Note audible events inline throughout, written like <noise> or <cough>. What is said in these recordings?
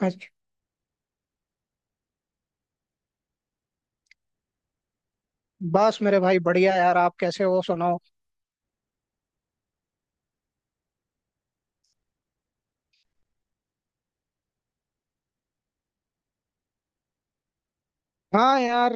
अच्छा। बस मेरे भाई बढ़िया यार, आप कैसे हो सुनाओ। हाँ यार।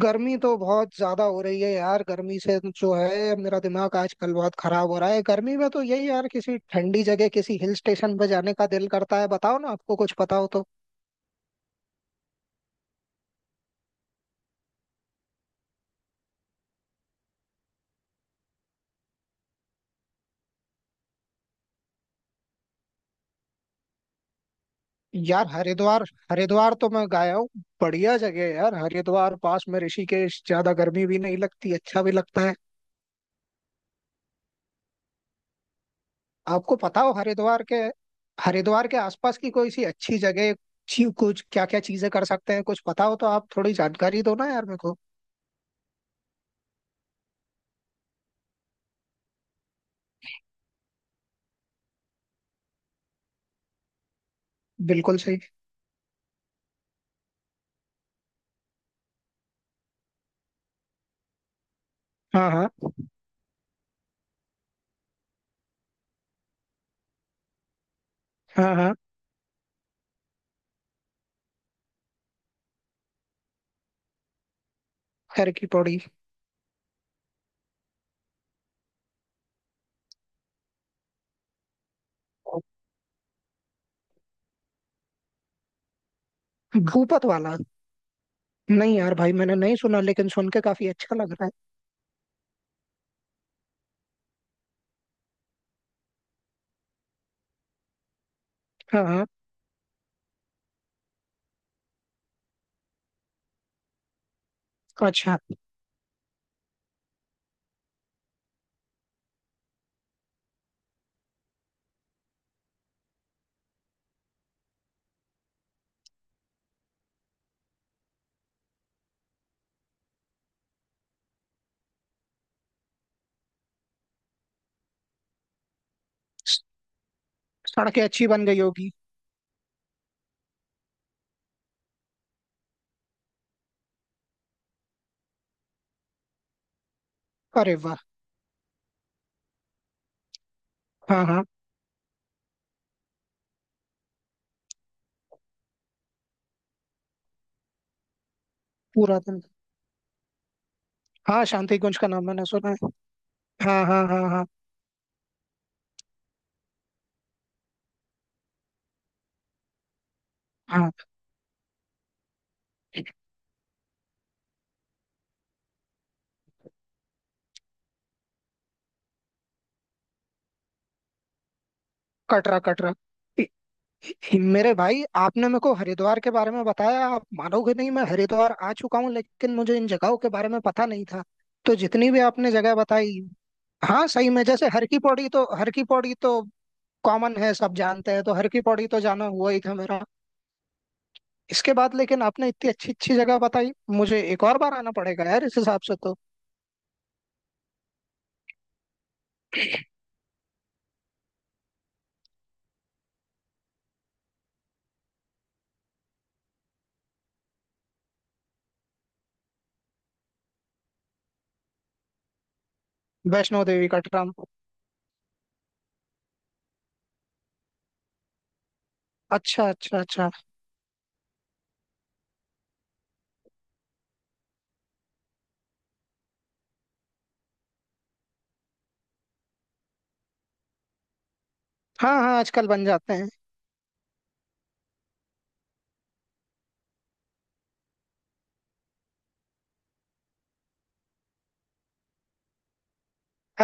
गर्मी तो बहुत ज्यादा हो रही है यार, गर्मी से जो है मेरा दिमाग आजकल बहुत खराब हो रहा है। गर्मी में तो यही यार, किसी ठंडी जगह किसी हिल स्टेशन पे जाने का दिल करता है, बताओ ना आपको कुछ पता हो तो। यार, हरिद्वार। हरिद्वार तो मैं गया हूँ। बढ़िया जगह है यार, हरिद्वार पास में ऋषिकेश, ज्यादा गर्मी भी नहीं लगती, अच्छा भी लगता है। आपको पता हो, हरिद्वार के आसपास की कोई सी अच्छी जगह, अच्छी कुछ, क्या क्या चीजें कर सकते हैं, कुछ पता हो तो आप थोड़ी जानकारी दो ना यार मेरे को। बिल्कुल सही। हाँ हाँ। हाँ हाँ। खैर की पौड़ी। भूपत वाला। नहीं यार भाई, मैंने नहीं सुना, लेकिन सुन के काफी अच्छा लग रहा है। हाँ हाँ। अच्छा। स- सड़कें अच्छी बन गई होगी। अरे वाह। हाँ हाँ। पूरा दिन। हाँ, शांति कुंज का नाम मैंने सुना है। हाँ हाँ हाँ हाँ। हाँ। कटरा कटरा। मेरे भाई, आपने मेरे को हरिद्वार के बारे में बताया, आप मानोगे नहीं, मैं हरिद्वार आ चुका हूँ लेकिन मुझे इन जगहों के बारे में पता नहीं था। तो जितनी भी आपने जगह बताई। हाँ सही में, जैसे हर की पौड़ी तो, हर की पौड़ी तो कॉमन है, सब जानते हैं, तो हर की पौड़ी तो जाना हुआ ही था मेरा। इसके बाद लेकिन आपने इतनी अच्छी अच्छी जगह बताई, मुझे एक और बार आना पड़ेगा यार इस हिसाब से तो। वैष्णो देवी कटरा। अच्छा अच्छा अच्छा। हाँ हाँ, आजकल बन जाते हैं।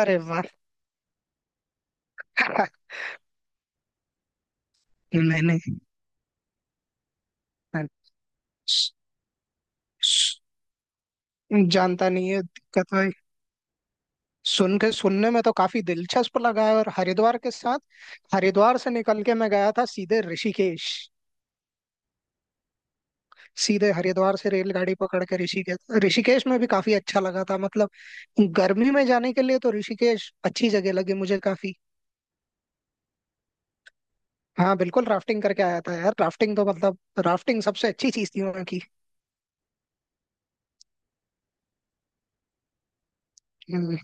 अरे वाह। <laughs> नहीं नहीं। जानता नहीं है दिक्कत भाई। सुनने में तो काफी दिलचस्प लगा है। और हरिद्वार के साथ, हरिद्वार से निकल के मैं गया था सीधे ऋषिकेश। सीधे हरिद्वार से रेलगाड़ी पकड़ के ऋषिकेश। ऋषिकेश में भी काफी अच्छा लगा था मतलब। गर्मी में जाने के लिए तो ऋषिकेश अच्छी जगह लगी मुझे काफी। हाँ बिल्कुल, राफ्टिंग करके आया था यार, राफ्टिंग तो मतलब राफ्टिंग सबसे अच्छी चीज थी वहाँ की। हम्म।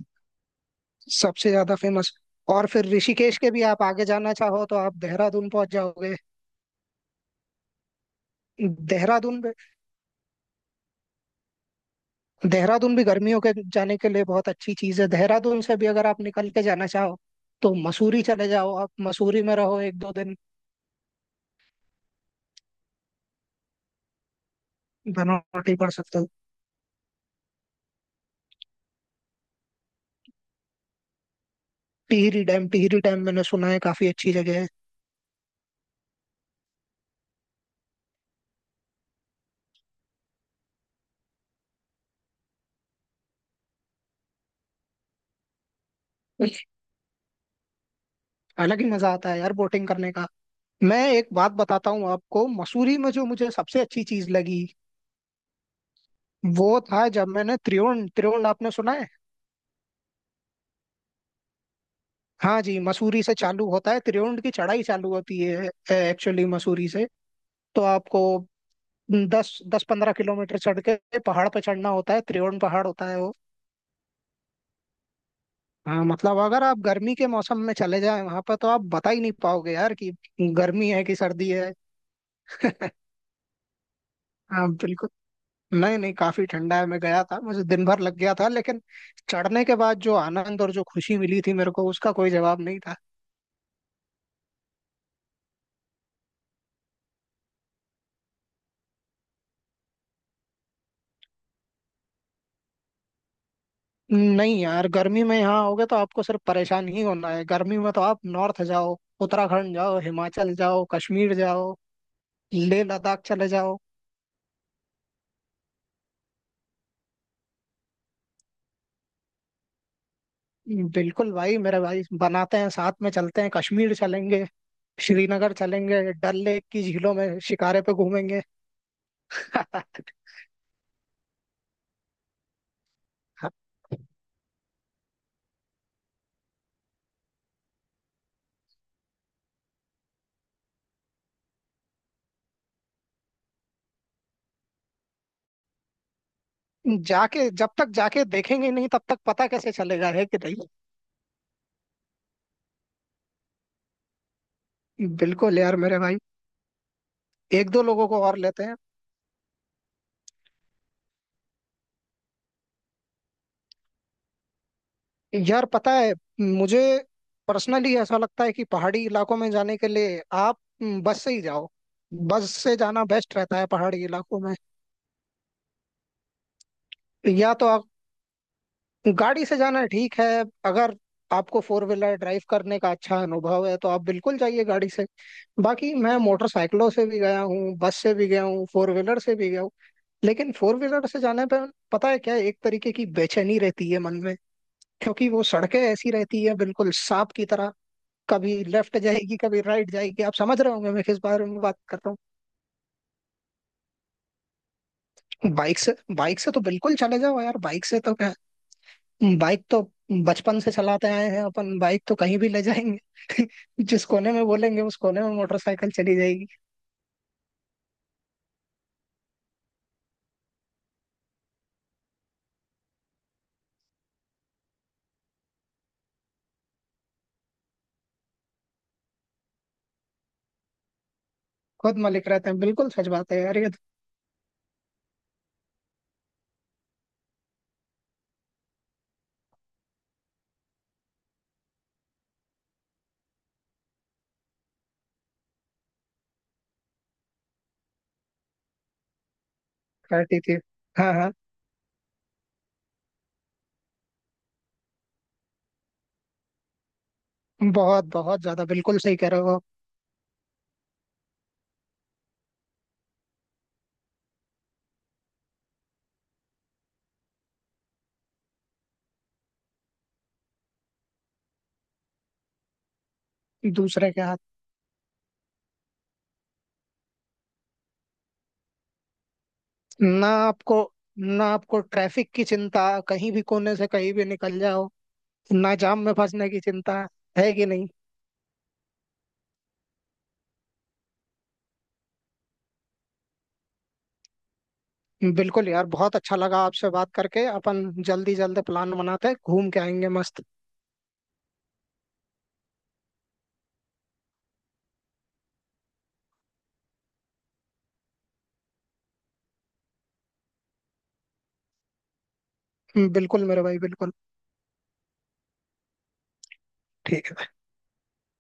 सबसे ज्यादा फेमस। और फिर ऋषिकेश के भी आप आगे जाना चाहो तो आप देहरादून पहुंच जाओगे। देहरादून। देहरादून भी गर्मियों के जाने के लिए बहुत अच्छी चीज है, देहरादून से भी अगर आप निकल के जाना चाहो तो मसूरी चले जाओ, आप मसूरी में रहो एक दो दिन। बनौटी पड़ सकते हो। टिहरी डैम। टिहरी डैम मैंने सुना है, काफी अच्छी जगह है। अलग ही मजा आता है यार बोटिंग करने का। मैं एक बात बताता हूँ आपको, मसूरी में जो मुझे सबसे अच्छी चीज लगी वो था जब मैंने त्रिवेण, त्रिवेण आपने सुना है? हाँ जी, मसूरी से चालू होता है, त्रिवेण की चढ़ाई चालू होती है एक्चुअली मसूरी से। तो आपको 10-15 किलोमीटर चढ़ के पहाड़ पे चढ़ना होता है, त्रिवेण पहाड़ होता है वो। हाँ मतलब, अगर आप गर्मी के मौसम में चले जाएं वहां पर तो आप बता ही नहीं पाओगे यार कि गर्मी है कि सर्दी है। हाँ बिल्कुल। नहीं नहीं, काफी ठंडा है, मैं गया था मुझे दिन भर लग गया था, लेकिन चढ़ने के बाद जो आनंद और जो खुशी मिली थी मेरे को उसका कोई जवाब नहीं था। नहीं यार, गर्मी में यहाँ आओगे तो आपको सिर्फ परेशान ही होना है, गर्मी में तो आप नॉर्थ जाओ, उत्तराखंड जाओ, हिमाचल जाओ, कश्मीर जाओ, लेह लद्दाख चले जाओ। बिल्कुल भाई, मेरे भाई बनाते हैं, साथ में चलते हैं, कश्मीर चलेंगे, श्रीनगर चलेंगे, डल लेक की झीलों में शिकारे पे घूमेंगे। <laughs> जाके, जब तक जाके देखेंगे नहीं तब तक पता कैसे चलेगा, है कि नहीं। बिल्कुल यार मेरे भाई। एक दो लोगों को और लेते हैं। यार पता है, मुझे पर्सनली ऐसा लगता है कि पहाड़ी इलाकों में जाने के लिए आप बस से ही जाओ। बस से जाना बेस्ट रहता है पहाड़ी इलाकों में। या तो, गाड़ी से जाना ठीक है अगर आपको फोर व्हीलर ड्राइव करने का अच्छा अनुभव है, तो आप बिल्कुल जाइए गाड़ी से। बाकी मैं मोटरसाइकिलों से भी गया हूँ, बस से भी गया हूँ, फोर व्हीलर से भी गया हूँ। लेकिन फोर व्हीलर से जाने पे, पता है क्या, एक तरीके की बेचैनी रहती है मन में, क्योंकि वो सड़कें ऐसी रहती है बिल्कुल सांप की तरह, कभी लेफ्ट जाएगी कभी राइट जाएगी। आप समझ रहे होंगे मैं किस बारे में बात कर रहा हूँ। बाइक से, बाइक से तो बिल्कुल चले जाओ यार, बाइक से तो क्या। बाइक तो बचपन से चलाते आए हैं अपन, बाइक तो कहीं भी ले जाएंगे। <laughs> जिस कोने में बोलेंगे उस कोने में मोटरसाइकिल चली जाएगी। खुद मालिक रहते हैं, बिल्कुल सच बात है यार ये तो। कहती थी। हाँ हाँ। बहुत बहुत ज्यादा, बिल्कुल सही कह रहे हो। दूसरे के हाथ। ना आपको ना आपको ट्रैफिक की चिंता, कहीं भी कोने से कहीं भी निकल जाओ, ना जाम में फंसने की चिंता। है कि नहीं। बिल्कुल यार, बहुत अच्छा लगा आपसे बात करके। अपन जल्दी जल्दी प्लान बनाते हैं, घूम के आएंगे मस्त। बिल्कुल मेरे भाई बिल्कुल। ठीक है।